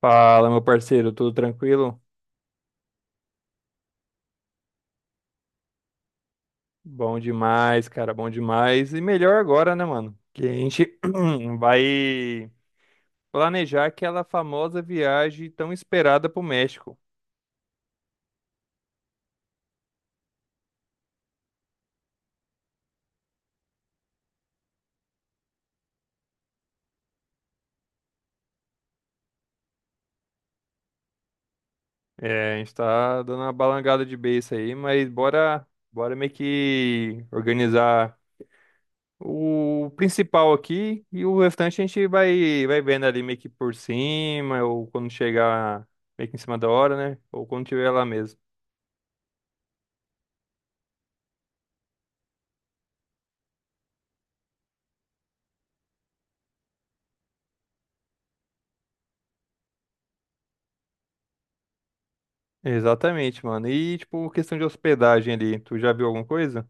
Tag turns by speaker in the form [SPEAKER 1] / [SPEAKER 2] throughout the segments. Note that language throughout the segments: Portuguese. [SPEAKER 1] Fala, meu parceiro, tudo tranquilo? Bom demais, cara, bom demais. E melhor agora, né, mano? Que a gente vai planejar aquela famosa viagem tão esperada pro México. É, a gente tá dando uma balangada de beiça aí, mas bora, bora meio que organizar o principal aqui e o restante a gente vai vendo ali meio que por cima, ou quando chegar meio que em cima da hora, né? Ou quando tiver lá mesmo. Exatamente, mano. E, tipo, questão de hospedagem ali, tu já viu alguma coisa?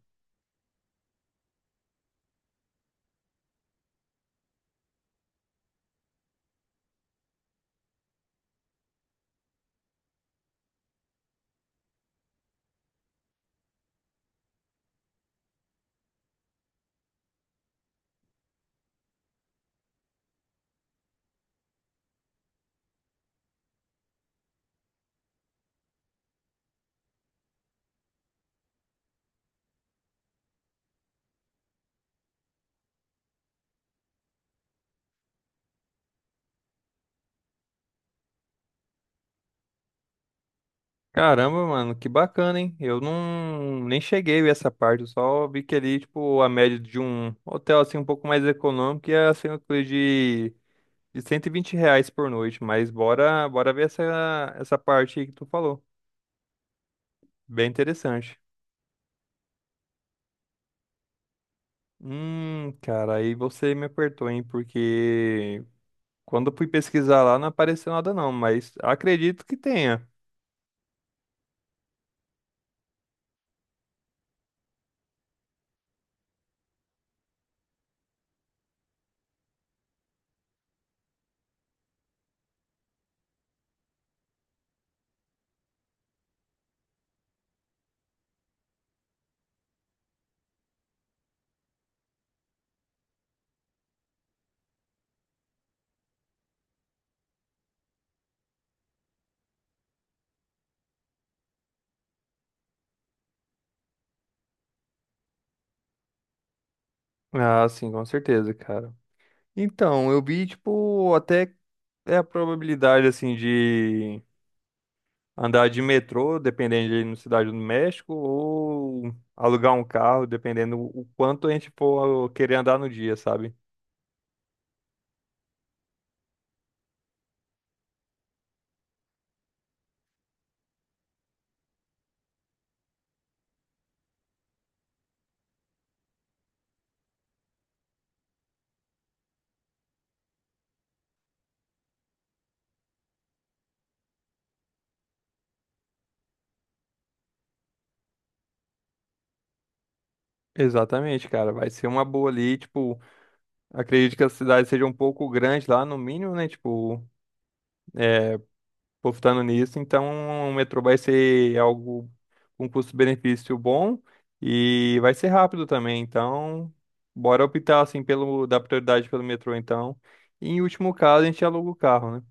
[SPEAKER 1] Caramba, mano, que bacana, hein? Eu não nem cheguei a ver essa parte, eu só vi que ali, tipo, a média de um hotel, assim, um pouco mais econômico ia ser uma coisa de R$ 120 por noite, mas bora, bora ver essa parte aí que tu falou. Bem interessante. Cara, aí você me apertou, hein? Porque quando eu fui pesquisar lá não apareceu nada não, mas acredito que tenha. Ah, sim, com certeza, cara. Então, eu vi, tipo, até é a probabilidade, assim, de andar de metrô, dependendo de ir na Cidade do México, ou alugar um carro, dependendo o quanto a gente for querer andar no dia, sabe? Exatamente, cara. Vai ser uma boa ali, tipo, acredito que a cidade seja um pouco grande lá, no mínimo, né? Tipo, apostando nisso. Então, o metrô vai ser algo com custo-benefício bom e vai ser rápido também. Então, bora optar assim pelo dar prioridade pelo metrô então. E em último caso, a gente aluga o carro, né?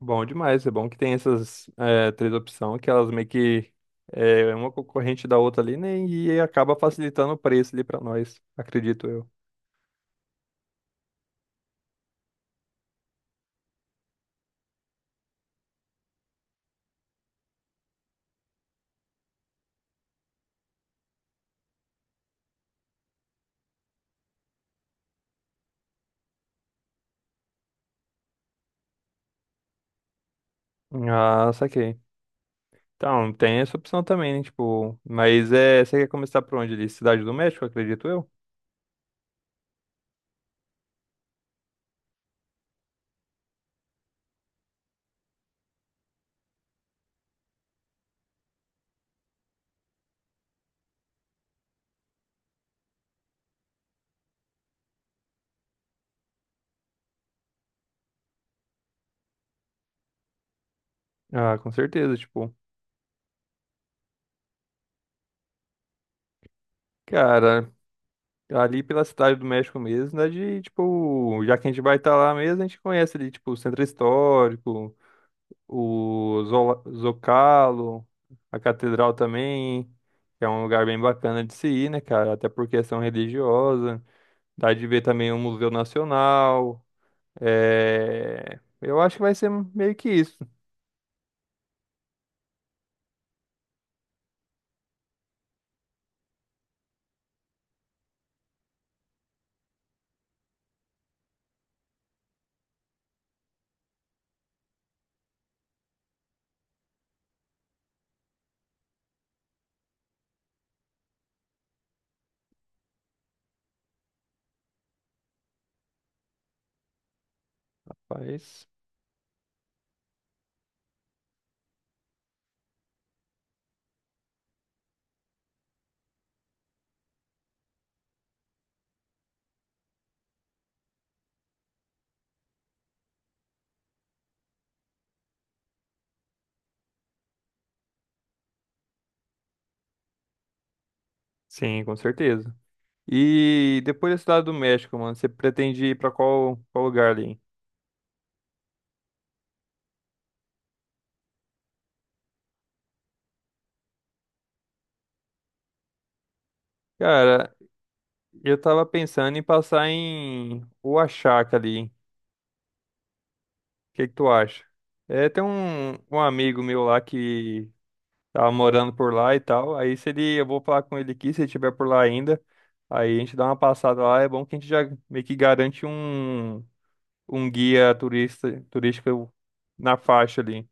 [SPEAKER 1] Bom demais, é bom que tem essas três opções que elas meio que é uma concorrente da outra ali, né? E acaba facilitando o preço ali pra nós, acredito eu. Ah, saquei. Então, tem essa opção também, né? Tipo, mas é, você quer começar por onde ali? Cidade do México, acredito eu? Ah, com certeza, tipo, cara, ali pela Cidade do México mesmo, né, de, tipo, já que a gente vai estar lá mesmo, a gente conhece ali, tipo, o Centro Histórico, o Zocalo, a Catedral também, que é um lugar bem bacana de se ir, né, cara, até por questão religiosa, dá de ver também o Museu Nacional, eu acho que vai ser meio que isso, mas, sim, com certeza. E depois da Cidade do México, mano, você pretende ir pra qual lugar ali? Cara, eu tava pensando em passar em Oaxaca ali. O que que tu acha? É, tem um amigo meu lá que tava morando por lá e tal. Aí se ele, eu vou falar com ele aqui, se ele estiver por lá ainda. Aí a gente dá uma passada lá. É bom que a gente já meio que garante um guia turístico na faixa ali.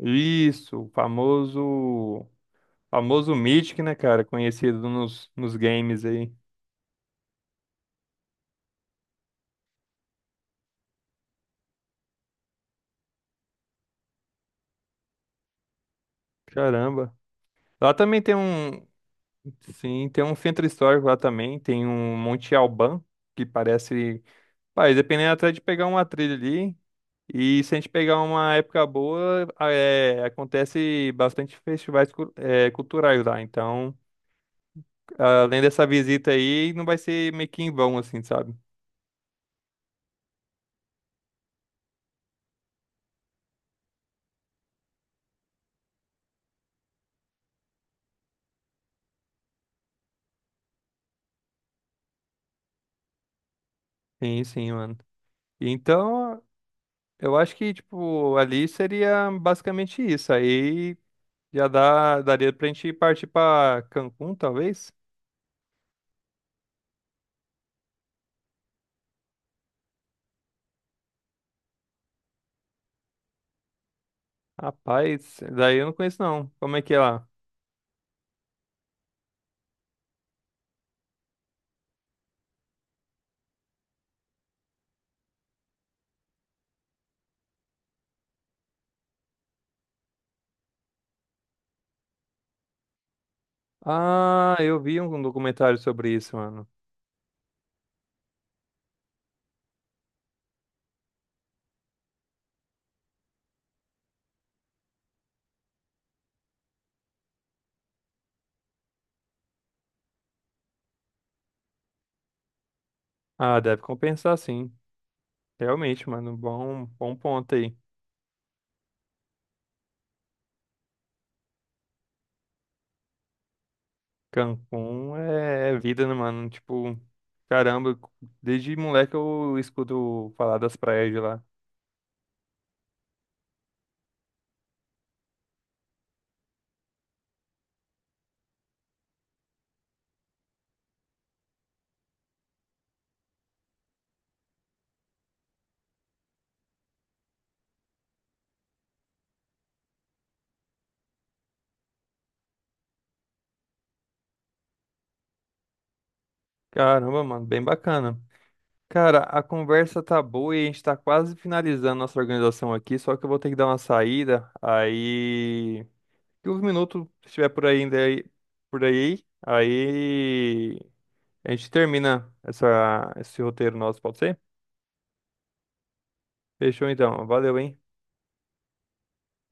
[SPEAKER 1] Isso, famoso Mythic, né, cara? Conhecido nos games aí. Caramba. Lá também tem sim, tem um centro histórico lá também, tem um Monte Alban, que parece. Pai, dependendo até de pegar uma trilha ali. E se a gente pegar uma época boa, acontece bastante festivais culturais lá. Então, além dessa visita aí, não vai ser meio que em vão, assim, sabe? Sim, sim, mano. Então, eu acho que, tipo, ali seria basicamente isso. Aí daria pra gente partir pra Cancún, talvez? Rapaz, daí eu não conheço não. Como é que é lá? Ah, eu vi um documentário sobre isso, mano. Ah, deve compensar sim. Realmente, mano. Bom, bom ponto aí. Cancún é, é vida, né, mano? Tipo, caramba, desde moleque eu escuto falar das praias de lá. Caramba, mano, bem bacana. Cara, a conversa tá boa e a gente tá quase finalizando nossa organização aqui, só que eu vou ter que dar uma saída. Aí, 15 minutos, se estiver por aí ainda aí, por aí, aí a gente termina esse roteiro nosso, pode ser? Fechou então. Valeu, hein?